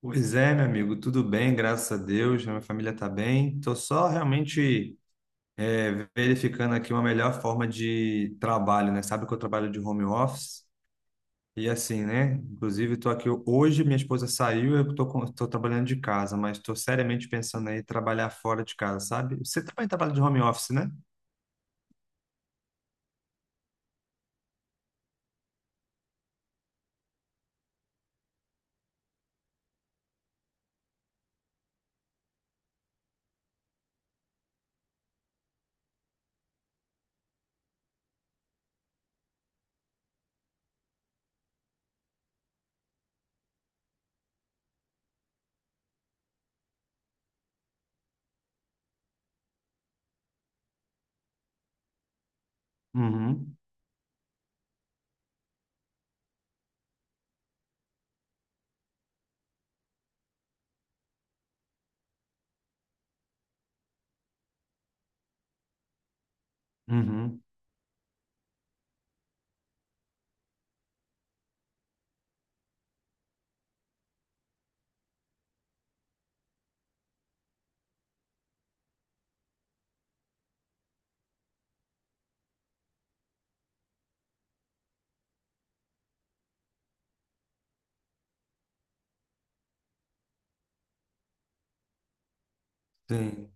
Pois é, meu amigo, tudo bem, graças a Deus, a minha família está bem. Estou só realmente verificando aqui uma melhor forma de trabalho, né? Sabe que eu trabalho de home office e assim, né? Inclusive, estou aqui hoje, minha esposa saiu, eu estou trabalhando de casa, mas estou seriamente pensando aí em trabalhar fora de casa, sabe? Você também trabalha de home office, né? Uhum, uhum, sim.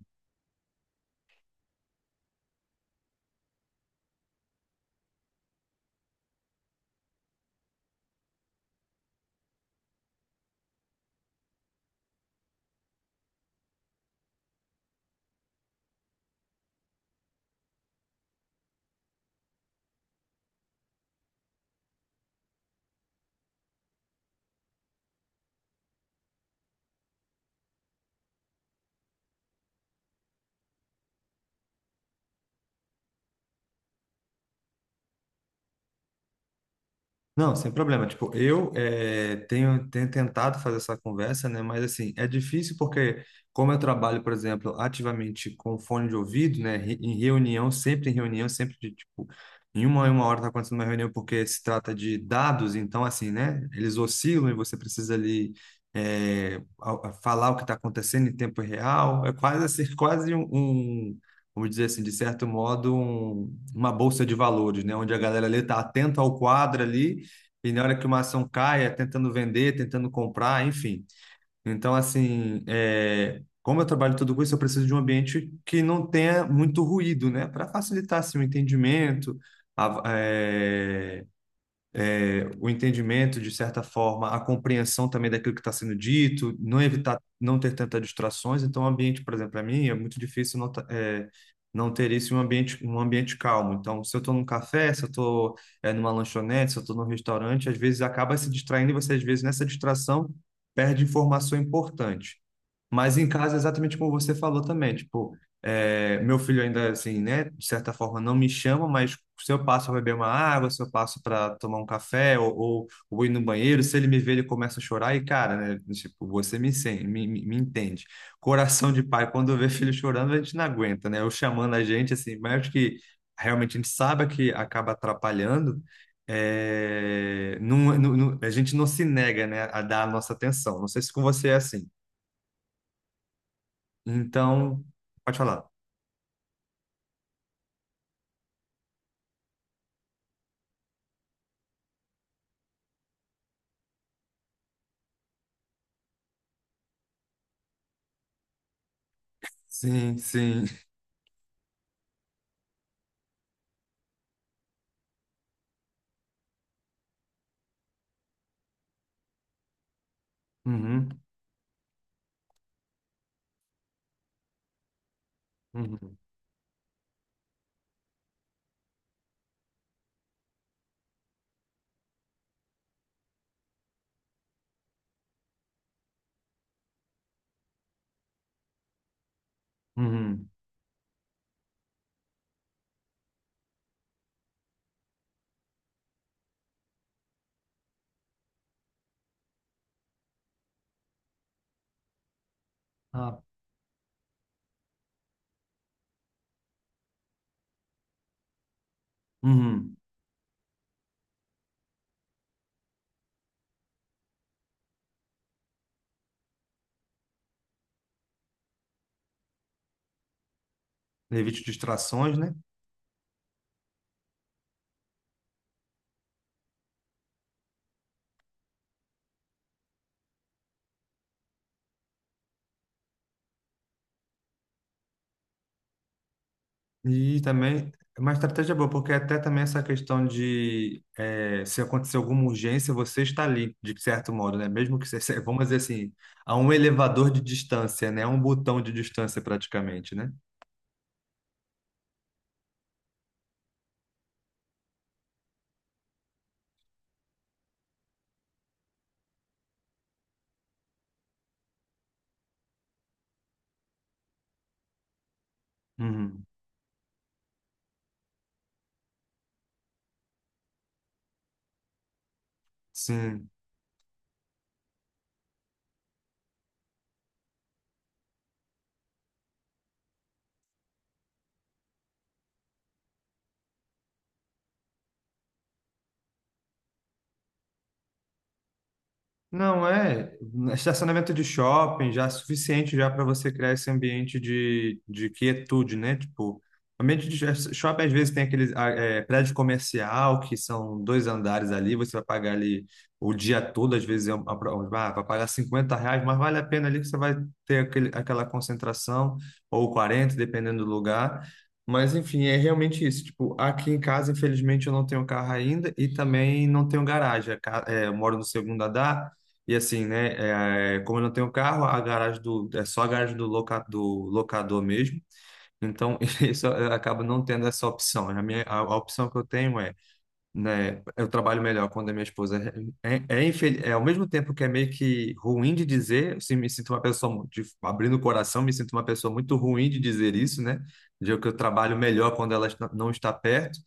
Não, sem problema. Tipo, eu tenho tentado fazer essa conversa, né? Mas assim, é difícil porque, como eu trabalho, por exemplo, ativamente com fone de ouvido, né? Em reunião, sempre de tipo, em uma hora tá acontecendo uma reunião porque se trata de dados, então assim, né? Eles oscilam e você precisa ali eh, a falar o que está acontecendo em tempo real. É quase assim, quase um, vamos dizer assim, de certo modo, uma bolsa de valores, né? Onde a galera ali está atenta ao quadro ali e na hora que uma ação cai, é tentando vender, tentando comprar, enfim. Então, assim, é, como eu trabalho tudo com isso, eu preciso de um ambiente que não tenha muito ruído, né? Para facilitar, assim, o entendimento, a, é, o entendimento, de certa forma, a compreensão também daquilo que está sendo dito, não evitar, não ter tantas distrações. Então, o ambiente, por exemplo, para mim é muito difícil não, não ter isso em um ambiente calmo. Então, se eu estou num café, se eu estou numa lanchonete, se eu estou num restaurante, às vezes acaba se distraindo e você, às vezes, nessa distração, perde informação importante. Mas em casa, exatamente como você falou também, tipo, é, meu filho ainda, assim, né, de certa forma não me chama, mas se eu passo para beber uma água, se eu passo para tomar um café ou ir no banheiro, se ele me vê, ele começa a chorar e, cara, né, tipo, você me, sen- me, me me entende. Coração de pai, quando vê filho chorando, a gente não aguenta, né, ou chamando a gente, assim, mas acho que realmente a gente sabe que acaba atrapalhando, a gente não se nega, né, a dar a nossa atenção. Não sei se com você é assim. Então, pode falar. Sim, sim. Uhum, uhum, uhum. Ah, uhum. Evite distrações, né? E também, é uma estratégia boa, porque até também essa questão de se acontecer alguma urgência, você está ali, de certo modo, né? Mesmo que você, vamos dizer assim, a um elevador de distância, né? A um botão de distância praticamente, né? Uhum. Sim. Não é estacionamento de shopping já é suficiente já para você criar esse ambiente de quietude, né? Tipo, ambiente de shopping às vezes tem aquele ah, é, prédio comercial que são dois andares ali, você vai pagar ali o dia todo, às vezes é uma, vai pagar R$ 50, mas vale a pena ali que você vai ter aquela concentração, ou 40, dependendo do lugar. Mas enfim, é realmente isso. Tipo, aqui em casa, infelizmente, eu não tenho carro ainda e também não tenho garagem. Eu moro no segundo andar. E assim, né? É, como eu não tenho carro, a garagem do, é só a garagem do, loca, do locador mesmo. Então, isso acaba não tendo essa opção. A opção que eu tenho é né? Eu trabalho melhor quando a minha esposa é ao mesmo tempo que é meio que ruim de dizer, assim, me sinto uma pessoa abrindo o coração, me sinto uma pessoa muito ruim de dizer isso, né? De que eu trabalho melhor quando não está perto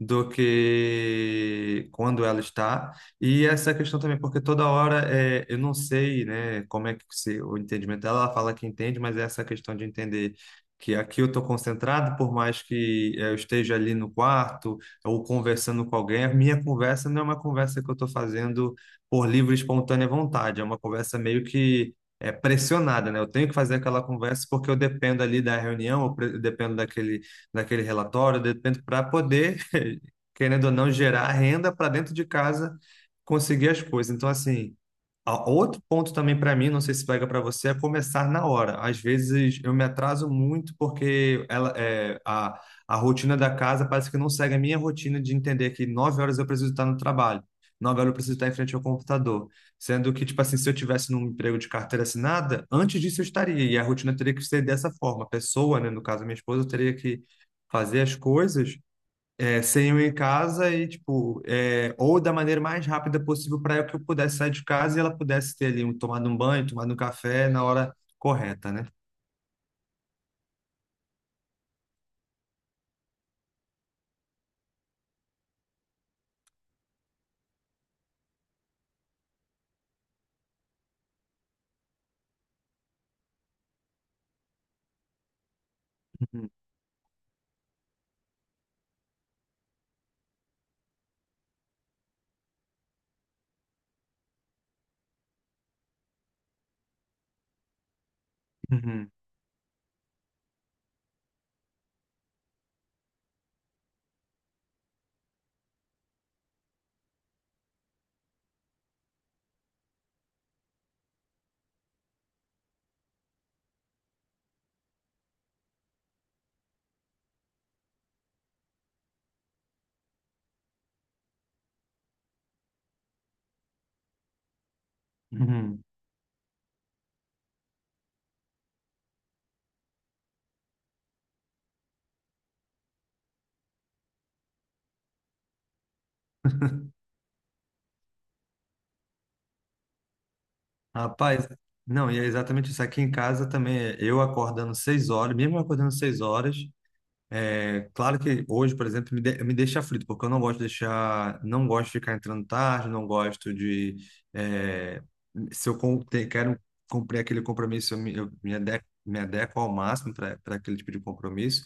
do que quando ela está. E essa questão também, porque toda hora é, eu não sei, né, como é que se, o entendimento dela, ela fala que entende, mas é essa questão de entender que aqui eu estou concentrado, por mais que eu esteja ali no quarto ou conversando com alguém, a minha conversa não é uma conversa que eu estou fazendo por livre e espontânea vontade, é uma conversa meio que é, pressionada, né? Eu tenho que fazer aquela conversa porque eu dependo ali da reunião, eu dependo daquele, daquele relatório, eu dependo para poder, querendo ou não, gerar renda para dentro de casa, conseguir as coisas. Então, assim. Outro ponto também para mim, não sei se pega para você, é começar na hora. Às vezes eu me atraso muito porque ela, é, a rotina da casa parece que não segue a minha rotina de entender que 9 horas eu preciso estar no trabalho, 9 horas eu preciso estar em frente ao computador. Sendo que, tipo assim, se eu tivesse num emprego de carteira assinada, antes disso eu estaria, e a rotina teria que ser dessa forma. A pessoa, né, no caso, minha esposa, teria que fazer as coisas é, sem eu ir em casa e, tipo, é, ou da maneira mais rápida possível para que eu pudesse sair de casa e ela pudesse ter ali, um, tomado um banho, tomado um café na hora correta, né? Uhum, uhum, uhum. Rapaz, não, e é exatamente isso. Aqui em casa também, eu acordando 6 horas, mesmo acordando 6 horas, é, claro que hoje, por exemplo, me deixa aflito, porque eu não gosto de deixar, não gosto de ficar entrando tarde, não gosto de, é, se eu com- te- quero cumprir aquele compromisso, eu me adequo ao máximo para aquele tipo de compromisso.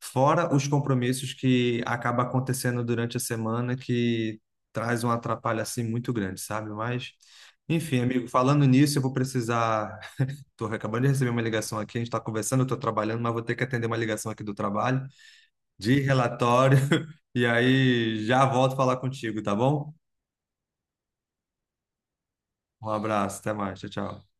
Fora os compromissos que acaba acontecendo durante a semana, que traz um atrapalho assim muito grande, sabe? Mas, enfim, amigo, falando nisso, eu vou precisar. Estou acabando de receber uma ligação aqui, a gente está conversando, eu estou trabalhando, mas vou ter que atender uma ligação aqui do trabalho de relatório. E aí já volto falar contigo, tá bom? Um abraço, até mais, tchau, tchau.